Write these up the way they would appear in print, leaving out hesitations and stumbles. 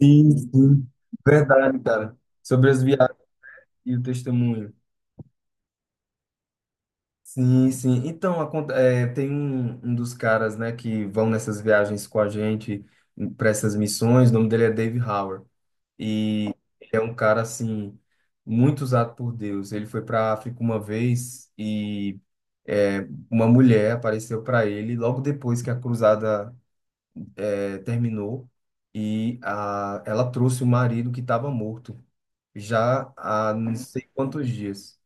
Sim, sim. Verdade, cara. Sobre as viagens e o testemunho. Sim, sim. Então, tem um dos caras, né, que vão nessas viagens com a gente para essas missões. O nome dele é Dave Howard. E ele é um cara, assim, muito usado por Deus. Ele foi para África uma vez e é, uma mulher apareceu para ele logo depois que a cruzada terminou e ela trouxe o marido que estava morto já há não sei quantos dias.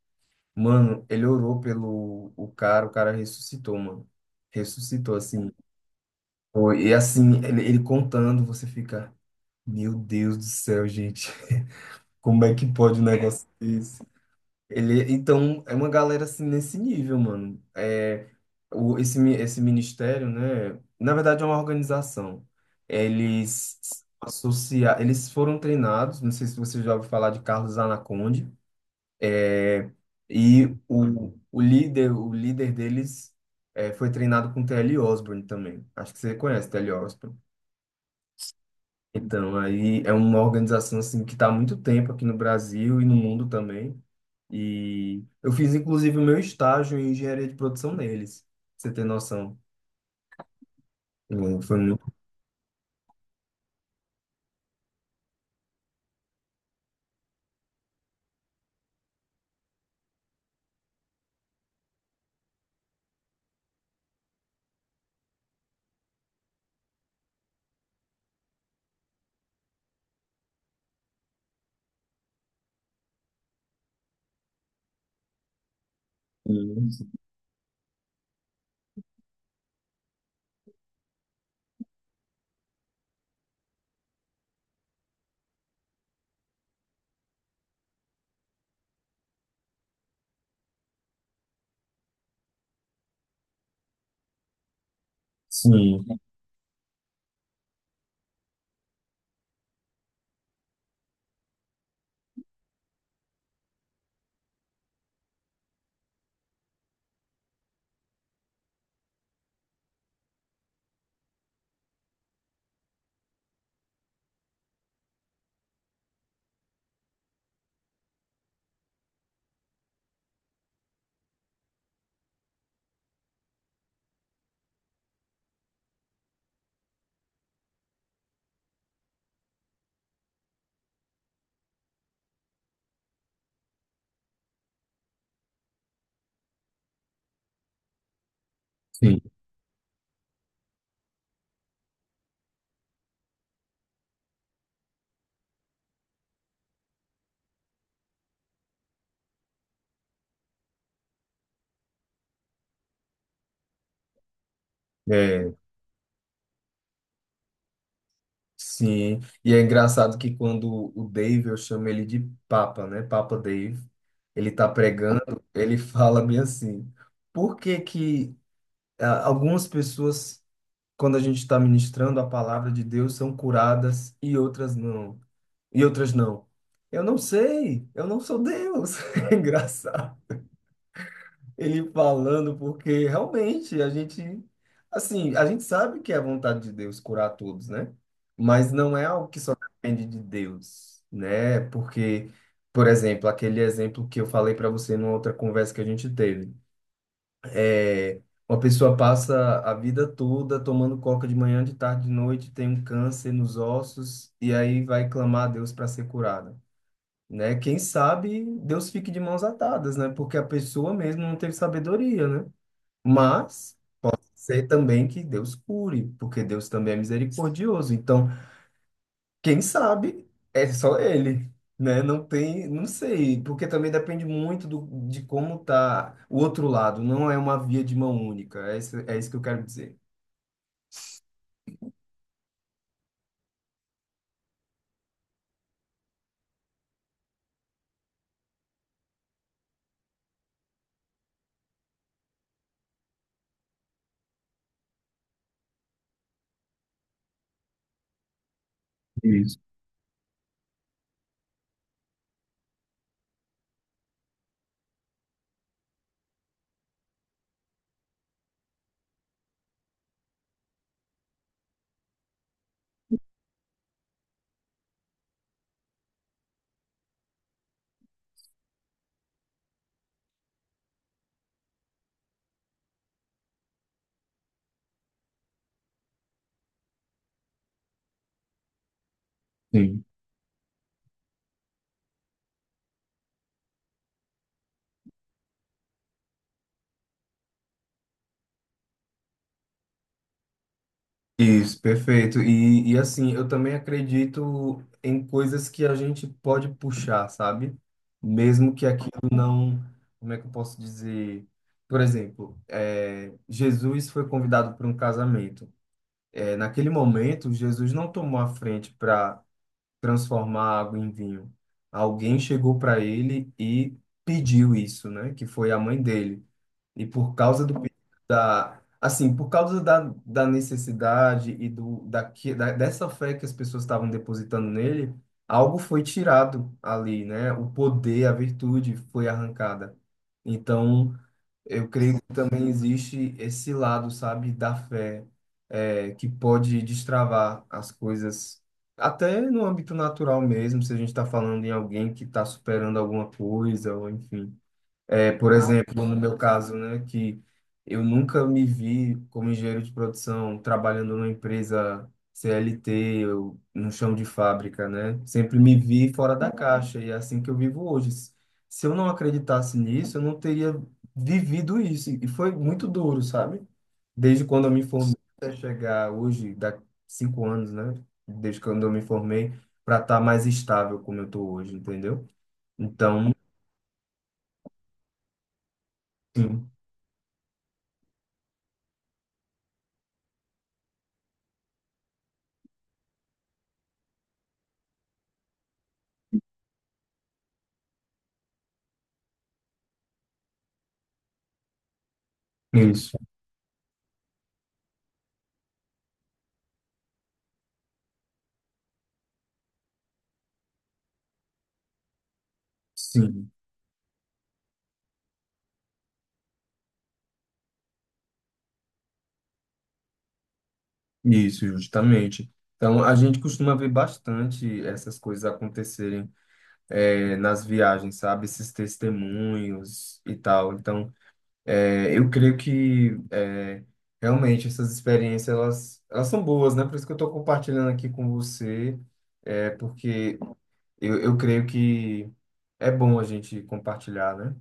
Mano, ele orou pelo o cara ressuscitou, mano. Ressuscitou, assim. E assim, ele contando, você fica, meu Deus do céu, gente, como é que pode um negócio desse? Ele, então, é uma galera assim nesse nível, mano. Esse ministério, né? Na verdade, é uma organização. Eles eles foram treinados, não sei se você já ouviu falar de Carlos Anaconda, é, e o líder deles foi treinado com T.L. Osborne também. Acho que você conhece T.L. Osborne. Então, aí é uma organização assim que está há muito tempo aqui no Brasil e no mundo também. E eu fiz, inclusive, o meu estágio em engenharia de produção neles, pra você ter noção. Foi muito. Sim, sim, é, sim. E é engraçado que quando o Dave, eu chamo ele de Papa, né? Papa Dave, ele tá pregando, ele fala bem assim: por que que ah, algumas pessoas, quando a gente está ministrando a palavra de Deus, são curadas e outras não? E outras não? Eu não sei, eu não sou Deus. É engraçado. Ele falando, porque realmente a gente sabe que é a vontade de Deus curar todos, né? Mas não é algo que só depende de Deus, né? Porque, por exemplo, aquele exemplo que eu falei para você numa outra conversa que a gente teve, é uma pessoa passa a vida toda tomando coca de manhã, de tarde, de noite, tem um câncer nos ossos e aí vai clamar a Deus para ser curada. Né? Quem sabe Deus fique de mãos atadas, né? Porque a pessoa mesmo não teve sabedoria, né? Mas sei também que Deus cure, porque Deus também é misericordioso. Então, quem sabe é só ele, né? Não tem, não sei, porque também depende muito de como tá o outro lado. Não é uma via de mão única. É isso que eu quero dizer. Isso. Sim. Isso, perfeito. E assim, eu também acredito em coisas que a gente pode puxar, sabe? Mesmo que aquilo não. Como é que eu posso dizer? Por exemplo, Jesus foi convidado para um casamento. Naquele momento, Jesus não tomou a frente para transformar água em vinho. Alguém chegou para ele e pediu isso, né? Que foi a mãe dele. E por causa do perigo da, assim, por causa da, da necessidade e do da, que- da dessa fé que as pessoas estavam depositando nele, algo foi tirado ali, né? O poder, a virtude foi arrancada. Então, eu creio que também existe esse lado, sabe, da fé, que pode destravar as coisas, até no âmbito natural mesmo, se a gente está falando em alguém que está superando alguma coisa, ou enfim. É, por exemplo, no meu caso, né, que eu nunca me vi como engenheiro de produção trabalhando numa empresa CLT, eu, no chão de fábrica, né? Sempre me vi fora da caixa e é assim que eu vivo hoje. Se eu não acreditasse nisso, eu não teria vivido isso. E foi muito duro, sabe? Desde quando eu me formei até chegar hoje, dá 5 anos, né? Desde quando eu me formei, para estar mais estável como eu estou hoje, entendeu? Então, sim, isso. Sim. Isso, justamente. Então, a gente costuma ver bastante essas coisas acontecerem nas viagens, sabe? Esses testemunhos e tal. Então, eu creio que realmente essas experiências, elas são boas, né? Por isso que eu estou compartilhando aqui com você, porque eu creio que é bom a gente compartilhar, né?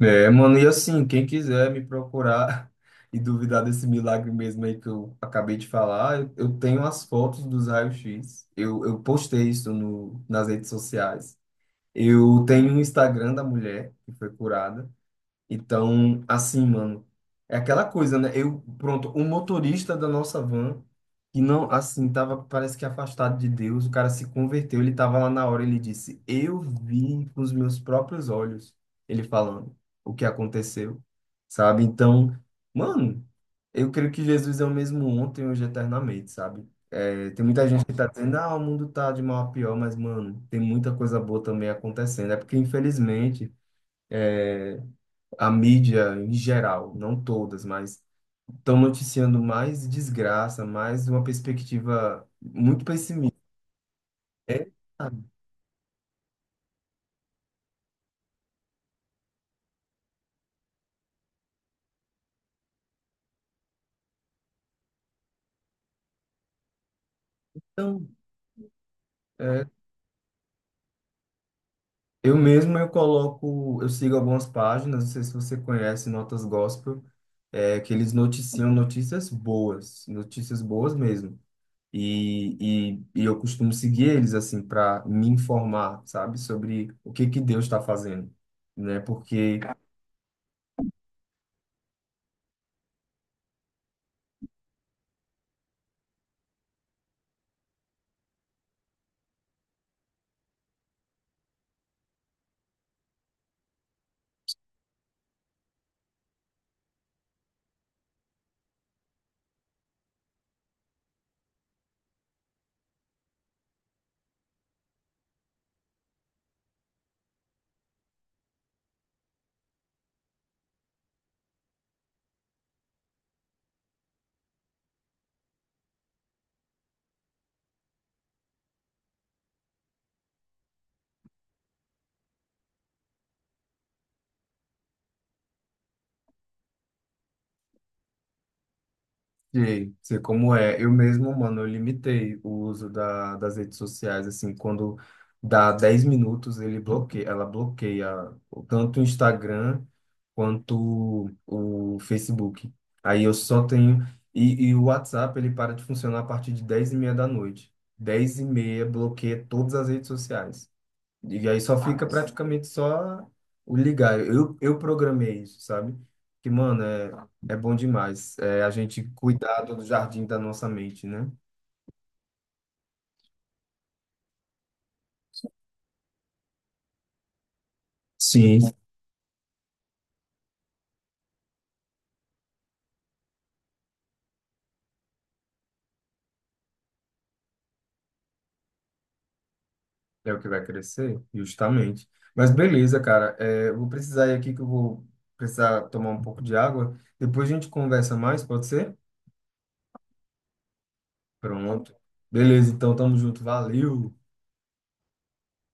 É, mano, e assim, quem quiser me procurar e duvidar desse milagre mesmo aí que eu acabei de falar, eu tenho as fotos dos raios-x. Eu postei isso no, nas redes sociais. Eu tenho um Instagram da mulher que foi curada. Então, assim, mano, é aquela coisa, né? Eu, pronto, o motorista da nossa van, que não, assim, tava, parece que afastado de Deus, o cara se converteu, ele tava lá na hora, ele disse, eu vi com os meus próprios olhos, ele falando o que aconteceu, sabe? Então, mano, eu creio que Jesus é o mesmo ontem, hoje, e eternamente, sabe? É, tem muita gente que tá dizendo, ah, o mundo tá de mal a pior, mas, mano, tem muita coisa boa também acontecendo. É porque, infelizmente, é, a mídia em geral, não todas, mas estão noticiando mais desgraça, mais uma perspectiva muito pessimista. É, ah, então, é, eu mesmo eu coloco, eu sigo algumas páginas, não sei se você conhece Notas Gospel, que eles noticiam notícias boas mesmo. E, e eu costumo seguir eles assim para me informar, sabe, sobre o que que Deus está fazendo, né? Porque sei, sei como é. Eu mesmo, mano, eu limitei o uso da, das redes sociais, assim, quando dá 10 minutos, ele bloqueia, ela bloqueia tanto o Instagram quanto o Facebook. Aí eu só tenho. E o WhatsApp, ele para de funcionar a partir de 22:30 da noite. 22:30 bloqueia todas as redes sociais. E aí só Ah, fica mas praticamente só o ligar. Eu programei isso, sabe? Que, mano, é bom demais. É a gente cuidar do jardim da nossa mente, né? Sim. É o que vai crescer, justamente. Mas beleza, cara. É, eu vou precisar ir aqui que eu vou precisar tomar um pouco de água. Depois a gente conversa mais, pode ser? Pronto. Beleza, então tamo junto. Valeu!